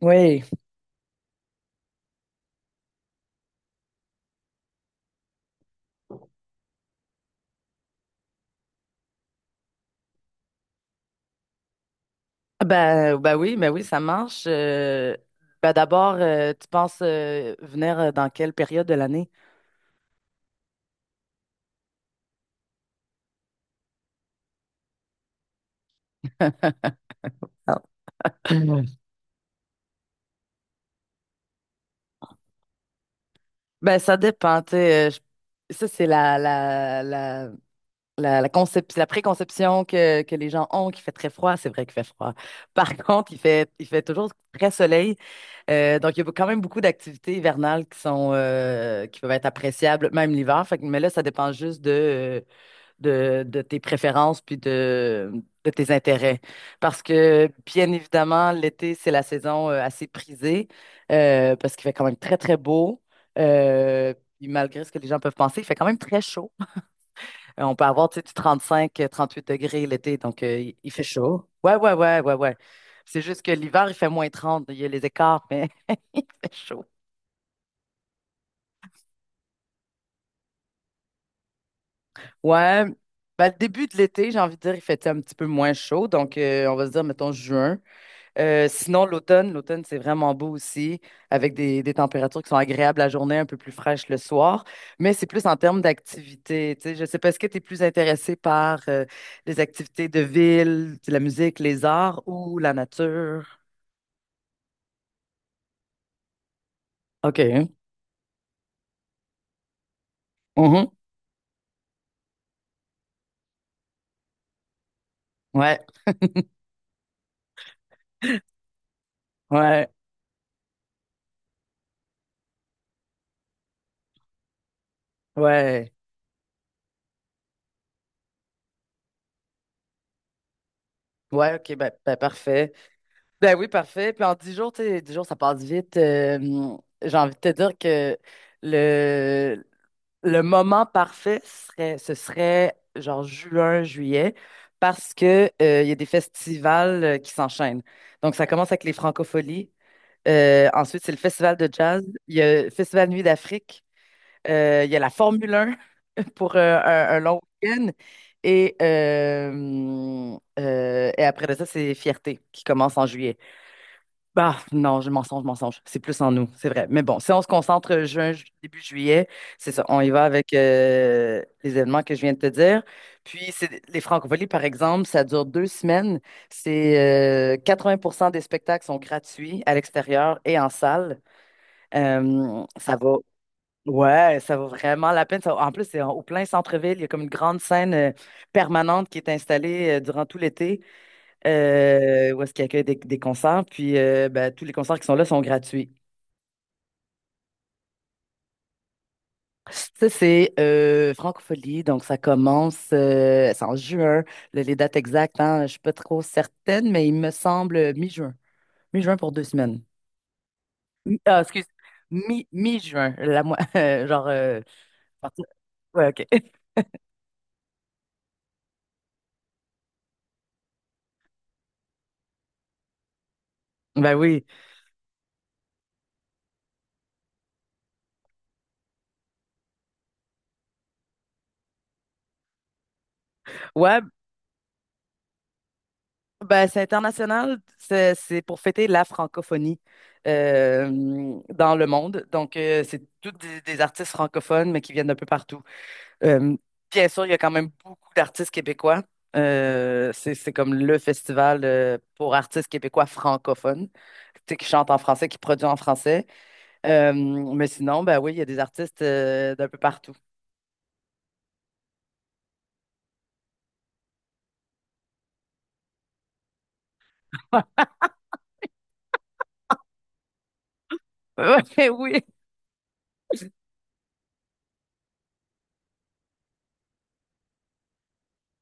Oui, ah bah, bah oui, ça marche. Bah d'abord, tu penses venir dans quelle période de l'année? Ah. Ben, ça dépend, tu sais, ça, c'est la préconception que les gens ont qu'il fait très froid. C'est vrai qu'il fait froid. Par contre, il fait toujours très soleil. Donc, il y a quand même beaucoup d'activités hivernales qui sont, qui peuvent être appréciables, même l'hiver. Mais là, ça dépend juste de tes préférences puis de tes intérêts. Parce que, bien évidemment, l'été, c'est la saison assez prisée, parce qu'il fait quand même très, très beau. Puis malgré ce que les gens peuvent penser, il fait quand même très chaud. On peut avoir, tu sais, du 35, 38 degrés l'été, donc il fait chaud. Ouais, ouais, ouais, ouais, ouais. C'est juste que l'hiver, il fait -30, il y a les écarts, mais il fait chaud. Ouais. Ben, le début de l'été, j'ai envie de dire, il fait un petit peu moins chaud. Donc, on va se dire, mettons, juin. Sinon, l'automne, l'automne, c'est vraiment beau aussi, avec des températures qui sont agréables la journée, un peu plus fraîches le soir, mais c'est plus en termes d'activités. Tu sais, je sais pas, est-ce que tu es plus intéressé par les activités de ville, la musique, les arts ou la nature? OK. Mhm. Ouais, ouais, ouais. Ouais, OK, ben, ben, parfait. Ben oui, parfait. Puis en 10 jours, tu sais, 10 jours, ça passe vite. J'ai envie de te dire que le, le moment parfait serait, ce serait genre juin, juillet, parce que il y a des festivals qui s'enchaînent. Donc, ça commence avec les Francopholies. Ensuite, c'est le festival de jazz. Il y a le festival Nuit d'Afrique. Il y a la Formule 1 pour un long week-end. Et après de ça, c'est Fierté qui commence en juillet. Bah, non, je mensonge, mensonge. C'est plus en nous, c'est vrai. Mais bon, si on se concentre juin, début juillet, c'est ça. On y va avec les événements que je viens de te dire. Puis, c'est les francophonies, par exemple, ça dure 2 semaines. C'est 80 des spectacles sont gratuits à l'extérieur et en salle. Ça va. Ouais, ça vaut vraiment la peine. En plus, c'est au plein centre-ville. Il y a comme une grande scène permanente qui est installée durant tout l'été, où est-ce qu'il accueille des concerts. Puis ben, tous les concerts qui sont là sont gratuits. Ça, c'est Francophonie, donc ça commence, c'est en juin. Les dates exactes, hein, je ne suis pas trop certaine, mais il me semble mi-juin. Mi-juin pour 2 semaines. Ah, excuse, mi-juin genre... partir- ouais, OK. Ben oui. Ouais, ben, c'est international, c'est pour fêter la francophonie euh, dans le monde. Donc, c'est tous des artistes francophones, mais qui viennent d'un peu partout. Euh, Bien sûr, il y a quand même beaucoup d'artistes québécois. C'est comme le festival pour artistes québécois francophones, tu sais, qui chantent en français, qui produisent en français. Mais sinon, ben oui, il y a des artistes d'un peu partout. Ouais, oui, oui.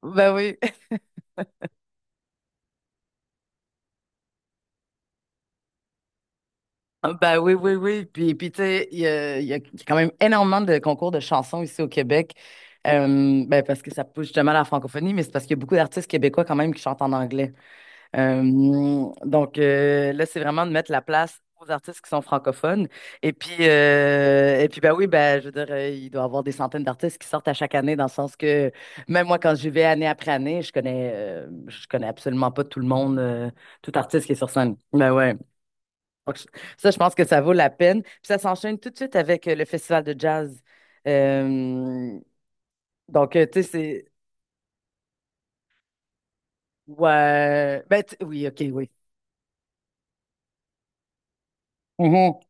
Ben oui. Ah, bah oui, oui, oui. Puis, tu sais, il y a quand même énormément de concours de chansons ici au Québec. Ben, parce que ça pousse justement à la francophonie, mais c'est parce qu'il y a beaucoup d'artistes québécois quand même qui chantent en anglais. Donc, là, c'est vraiment de mettre la place aux artistes qui sont francophones. Et puis, ben oui, ben, je veux dire, il doit y avoir des centaines d'artistes qui sortent à chaque année, dans le sens que même moi, quand j'y vais année après année, je connais absolument pas tout le monde, tout artiste qui est sur scène. Ben ouais. Donc, ça, je pense que ça vaut la peine. Puis ça s'enchaîne tout de suite avec le festival de jazz. Euh, donc, tu sais, c'est... Ouais. Ben, oui, OK, oui. Mhm.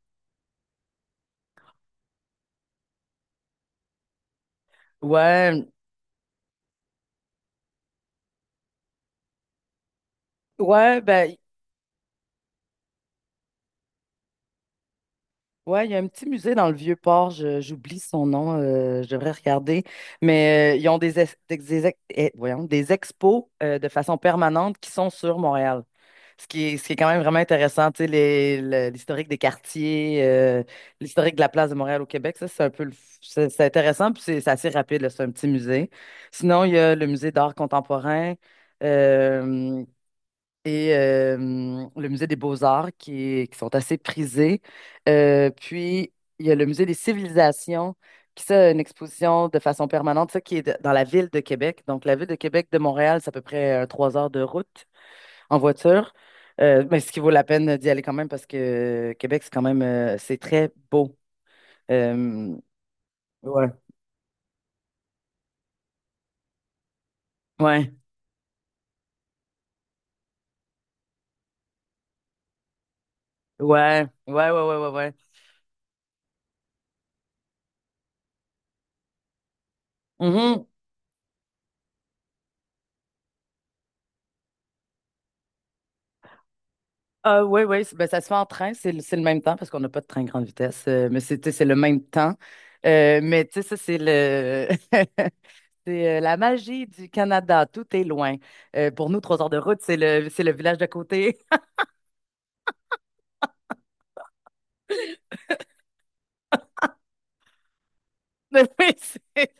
Ouais, ouais, ben, ouais, il y a un petit musée dans le Vieux-Port, j'oublie son nom, je devrais regarder, mais ils ont des, ex- eh, voyons, des expos de façon permanente qui sont sur Montréal. Ce qui est quand même vraiment intéressant, tu sais, l'historique des quartiers, l'historique de la place de Montréal au Québec, ça, c'est un peu, c'est intéressant, puis c'est assez rapide, là, c'est un petit musée. Sinon, il y a le musée d'art contemporain euh, et le musée des beaux-arts qui, qui sont assez prisés. Puis, il y a le musée des civilisations qui, ça, a une exposition de façon permanente, ça, qui est dans la ville de Québec. Donc, la ville de Québec de Montréal, c'est à peu près 3 heures de route en voiture. Mais ce qui vaut la peine d'y aller quand même parce que Québec, c'est quand même c'est très beau. Euh, ouais. Ouais. Ouais. Ouais, ouais, ouais, ouais, ouais. Mhm. Ah ouais, ouais, ben, ça se fait en train, c'est le même temps parce qu'on n'a pas de train grande vitesse, mais c'est, tu sais, c'est le même temps. Mais tu sais, ça, c'est le c'est la magie du Canada, tout est loin. Pour nous, 3 heures de route, c'est le village d'à côté. Mais oui,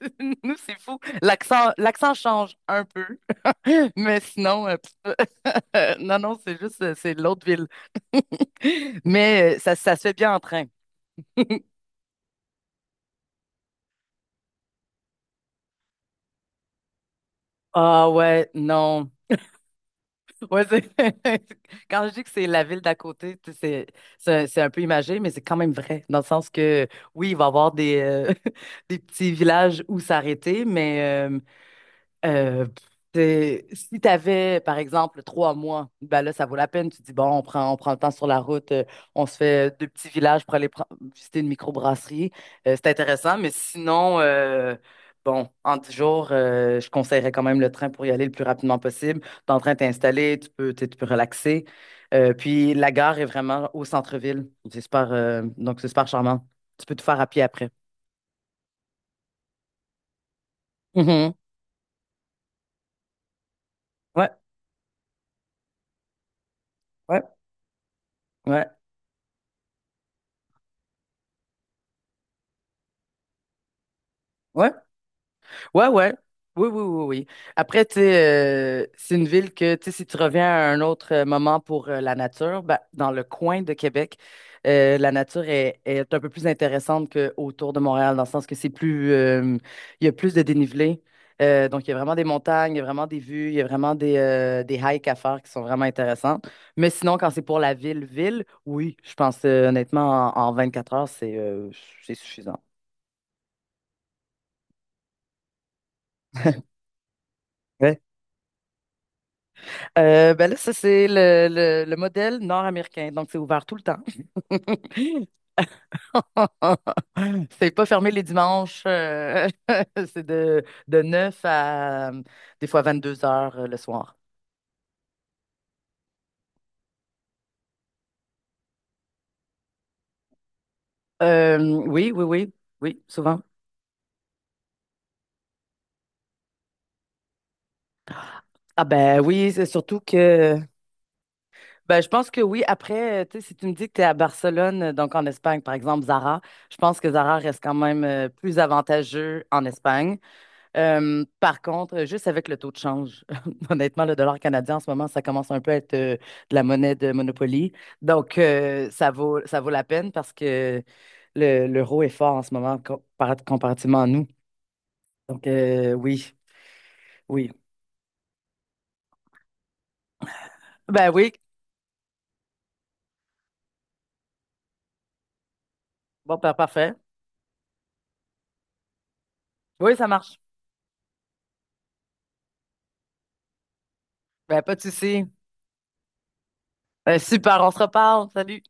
nous, c'est fou. L'accent, l'accent change un peu, mais sinon, pff, non, non, c'est juste, c'est l'autre ville. Mais ça se fait bien en train. Ah ouais, non. Ouais, quand je dis que c'est la ville d'à côté, tu sais, c'est un peu imagé, mais c'est quand même vrai, dans le sens que oui, il va y avoir des, des petits villages où s'arrêter, mais Euh, si tu avais, par exemple, 3 mois, ben là, ça vaut la peine. Tu dis, bon, on prend le temps sur la route, on se fait deux petits villages pour aller visiter une microbrasserie. C'est intéressant, mais sinon, bon, en 10 jours, je conseillerais quand même le train pour y aller le plus rapidement possible. T'es en train de t'installer, tu peux, tu sais, tu peux relaxer. Puis la gare est vraiment au centre-ville. C'est super, donc c'est super charmant. Tu peux tout faire à pied après. Mhm. Ouais, ouais, ouais. Ouais. Ouais, ouais. Oui, oui, oui, oui. Après, tu sais, c'est une ville que, tu sais, si tu reviens à un autre moment pour la nature, ben, dans le coin de Québec, la nature est un peu plus intéressante qu'autour de Montréal, dans le sens que c'est plus, il y a plus de dénivelé. Donc, il y a vraiment des montagnes, il y a vraiment des vues, il y a vraiment des hikes à faire qui sont vraiment intéressantes. Mais sinon, quand c'est pour la ville-ville, oui, je pense honnêtement, en 4 heures, c'est suffisant. Ben là, ça, c'est le modèle nord-américain. Donc, c'est ouvert tout le temps. C'est pas fermé les dimanches. C'est de 9 à des fois 22 h, le soir. Oui, oui, oui, oui, souvent. Ah ben oui, c'est surtout que ben je pense que oui, après, tu sais, si tu me dis que tu es à Barcelone, donc en Espagne, par exemple, Zara, je pense que Zara reste quand même plus avantageux en Espagne. Par contre, juste avec le taux de change, honnêtement, le dollar canadien en ce moment, ça commence un peu à être de la monnaie de Monopoly. Donc, ça vaut la peine parce que l'euro est fort en ce moment comparativement à nous. Donc, oui, oui. Ben oui, bon, parfait. Oui, ça marche. Ben, pas de souci. Ben, super, on se reparle. Salut.